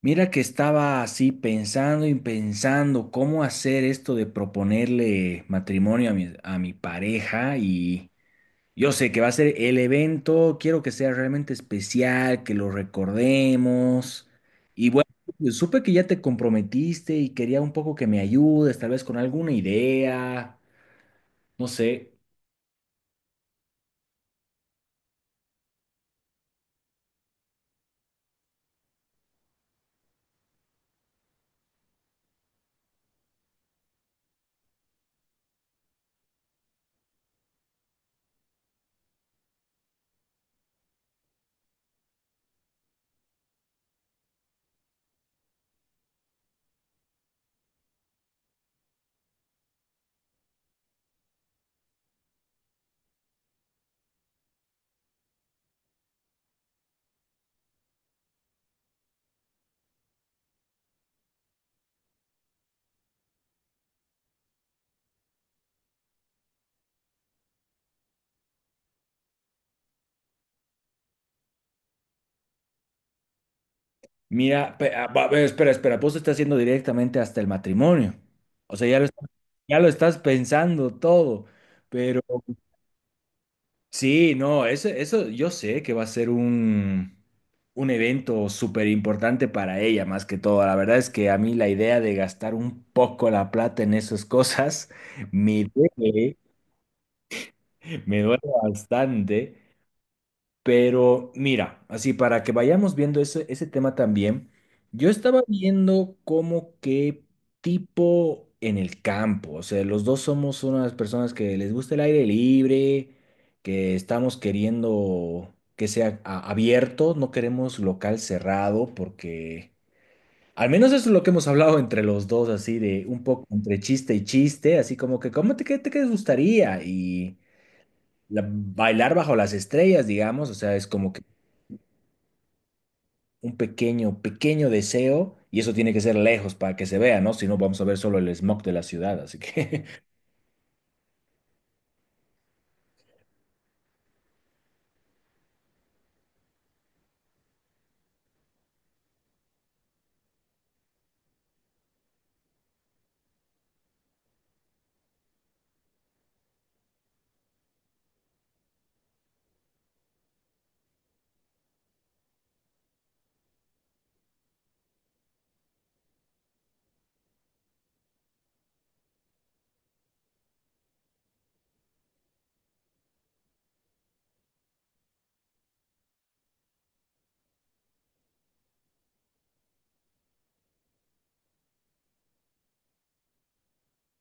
Mira que estaba así pensando y pensando cómo hacer esto de proponerle matrimonio a mi pareja, y yo sé que va a ser el evento. Quiero que sea realmente especial, que lo recordemos. Y bueno, pues, supe que ya te comprometiste y quería un poco que me ayudes, tal vez con alguna idea. No sé. Mira, a ver, espera, espera, vos te estás haciendo directamente hasta el matrimonio. O sea, ya lo estás pensando todo, pero. Sí, no, eso yo sé que va a ser un evento súper importante para ella, más que todo. La verdad es que a mí la idea de gastar un poco la plata en esas cosas me duele, me duele bastante. Pero mira, así para que vayamos viendo ese tema también, yo estaba viendo como qué tipo en el campo. O sea, los dos somos unas personas que les gusta el aire libre, que estamos queriendo que sea abierto, no queremos local cerrado, porque al menos eso es lo que hemos hablado entre los dos, así de un poco entre chiste y chiste, así como que ¿cómo te, qué te qué te gustaría? Y bailar bajo las estrellas, digamos. O sea, es como que un pequeño, pequeño deseo, y eso tiene que ser lejos para que se vea, ¿no? Si no, vamos a ver solo el smog de la ciudad, así que.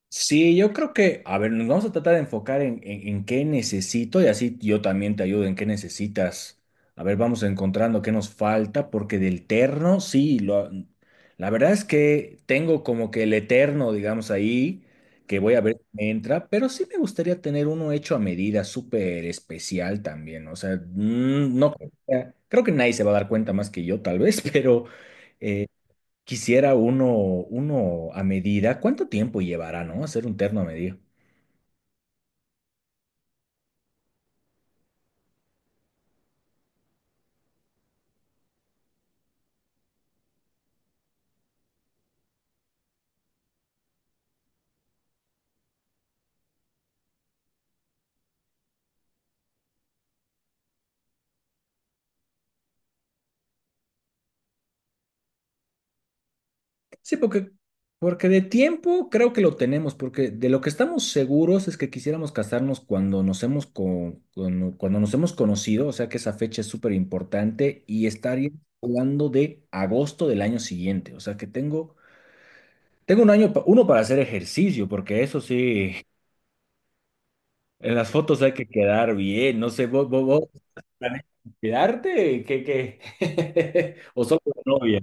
Sí, yo creo que, a ver, nos vamos a tratar de enfocar en, en qué necesito, y así yo también te ayudo en qué necesitas. A ver, vamos encontrando qué nos falta, porque del terno, sí, la verdad es que tengo como que el eterno, digamos, ahí, que voy a ver si me entra, pero sí me gustaría tener uno hecho a medida, súper especial también. O sea, no, creo que nadie se va a dar cuenta más que yo, tal vez, pero. eh, Quisiera uno a medida. ¿Cuánto tiempo llevará, no? Hacer un terno a medida. Sí, porque de tiempo creo que lo tenemos, porque de lo que estamos seguros es que quisiéramos casarnos cuando nos hemos conocido. O sea, que esa fecha es súper importante y estaría hablando de agosto del año siguiente. O sea, que tengo un año, uno para hacer ejercicio, porque eso sí, en las fotos hay que quedar bien. No sé, vos, ¿planeas cuidarte? ¿Qué, qué? ¿O solo la novia?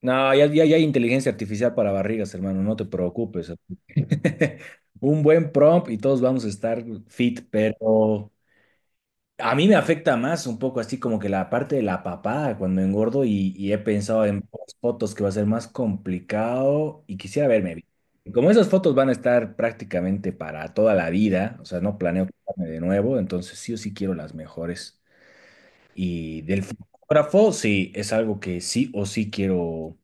No, ya, ya, ya hay inteligencia artificial para barrigas, hermano, no te preocupes. Un buen prompt y todos vamos a estar fit, pero a mí me afecta más un poco así como que la parte de la papada cuando engordo, y he pensado en pocas fotos que va a ser más complicado y quisiera verme bien. Como esas fotos van a estar prácticamente para toda la vida, o sea, no planeo quitarme de nuevo, entonces sí o sí quiero las mejores. Y del fotógrafo, sí, es algo que sí o sí quiero,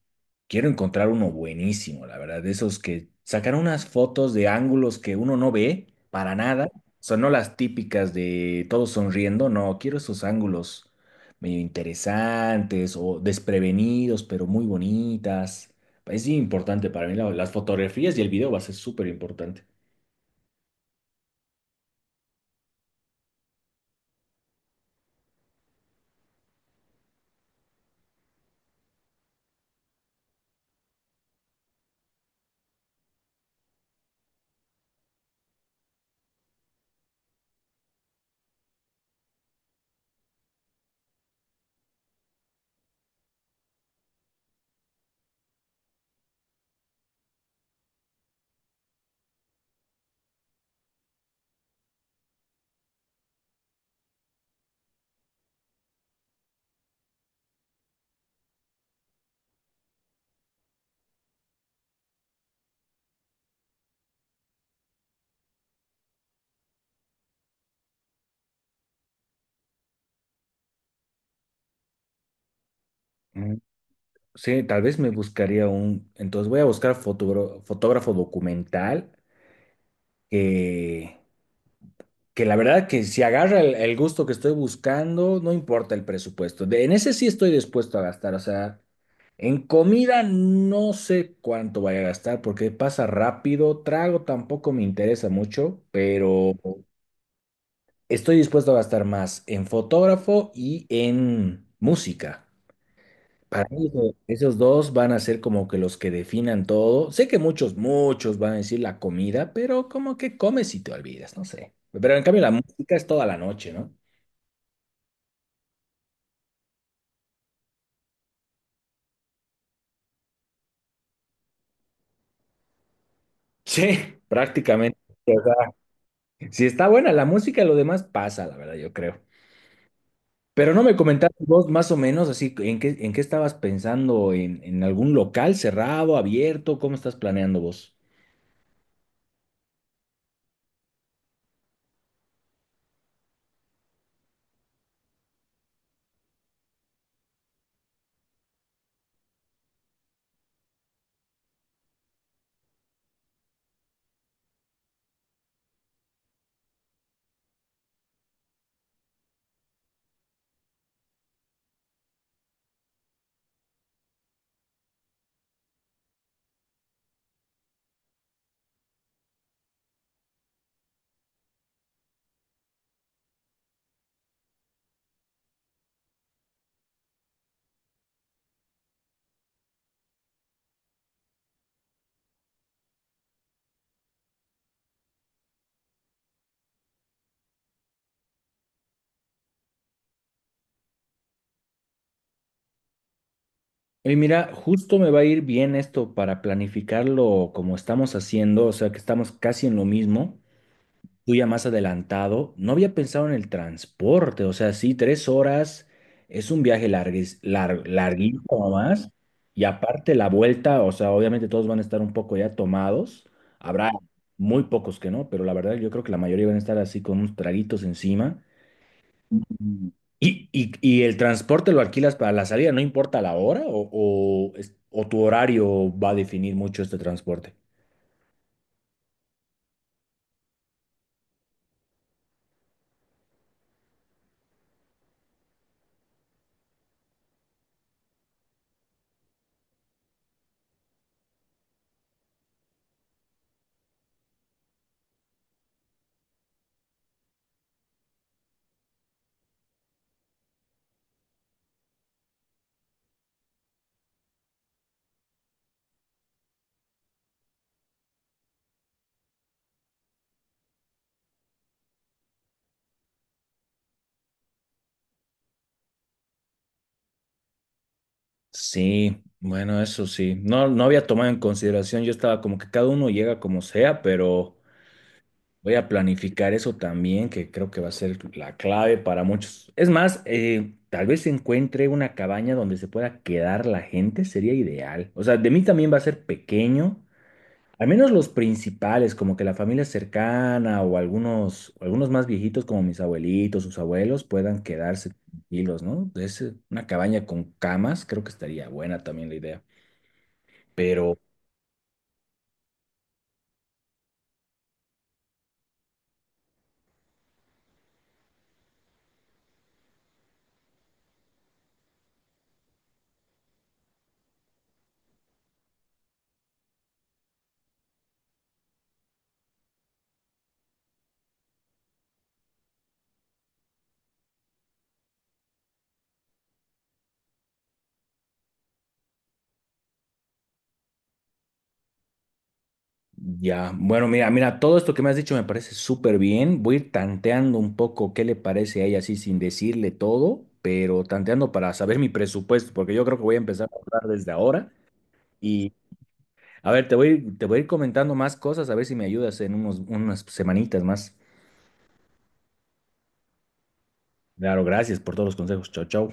quiero encontrar uno buenísimo, la verdad, de esos que sacan unas fotos de ángulos que uno no ve para nada, son no las típicas de todos sonriendo. No, quiero esos ángulos medio interesantes o desprevenidos, pero muy bonitas. Es importante para mí, las fotografías y el video va a ser súper importante. Mm, sí, tal vez me buscaría entonces voy a buscar fotógrafo, fotógrafo documental que, que la verdad que si agarra el gusto que estoy buscando, no importa el presupuesto. En ese sí estoy dispuesto a gastar. O sea, en comida no sé cuánto vaya a gastar porque pasa rápido. Trago tampoco me interesa mucho, pero estoy dispuesto a gastar más en fotógrafo y en música. Para mí, esos dos van a ser como que los que definan todo. Sé que muchos, muchos van a decir la comida, pero como que comes y te olvidas, no sé. Pero en cambio la música es toda la noche, ¿no? Sí, prácticamente. O sea, si está buena la música, lo demás pasa, la verdad, yo creo. Pero no me comentaste vos más o menos así, ¿en qué estabas pensando? ¿En algún local cerrado, abierto? ¿Cómo estás planeando vos? Y mira, justo me va a ir bien esto para planificarlo como estamos haciendo, o sea que estamos casi en lo mismo, tú ya más adelantado. No había pensado en el transporte. O sea, sí, 3 horas es un viaje larguísimo más, y aparte la vuelta. O sea, obviamente todos van a estar un poco ya tomados, habrá muy pocos que no, pero la verdad yo creo que la mayoría van a estar así con unos traguitos encima. ¿Y el transporte lo alquilas para la salida? ¿No importa la hora o, o tu horario va a definir mucho este transporte? Sí, bueno, eso sí. No, no había tomado en consideración. Yo estaba como que cada uno llega como sea, pero voy a planificar eso también, que creo que va a ser la clave para muchos. Es más, tal vez encuentre una cabaña donde se pueda quedar la gente, sería ideal. O sea, de mí también va a ser pequeño. Al menos los principales, como que la familia cercana o algunos más viejitos como mis abuelitos, sus abuelos, puedan quedarse tranquilos, ¿no? Es una cabaña con camas, creo que estaría buena también la idea. Pero ya, bueno, mira, mira, todo esto que me has dicho me parece súper bien. Voy a ir tanteando un poco qué le parece a ella así sin decirle todo, pero tanteando para saber mi presupuesto, porque yo creo que voy a empezar a hablar desde ahora. Y a ver, te voy a ir comentando más cosas, a ver si me ayudas en unas semanitas más. Claro, gracias por todos los consejos. Chao, chao.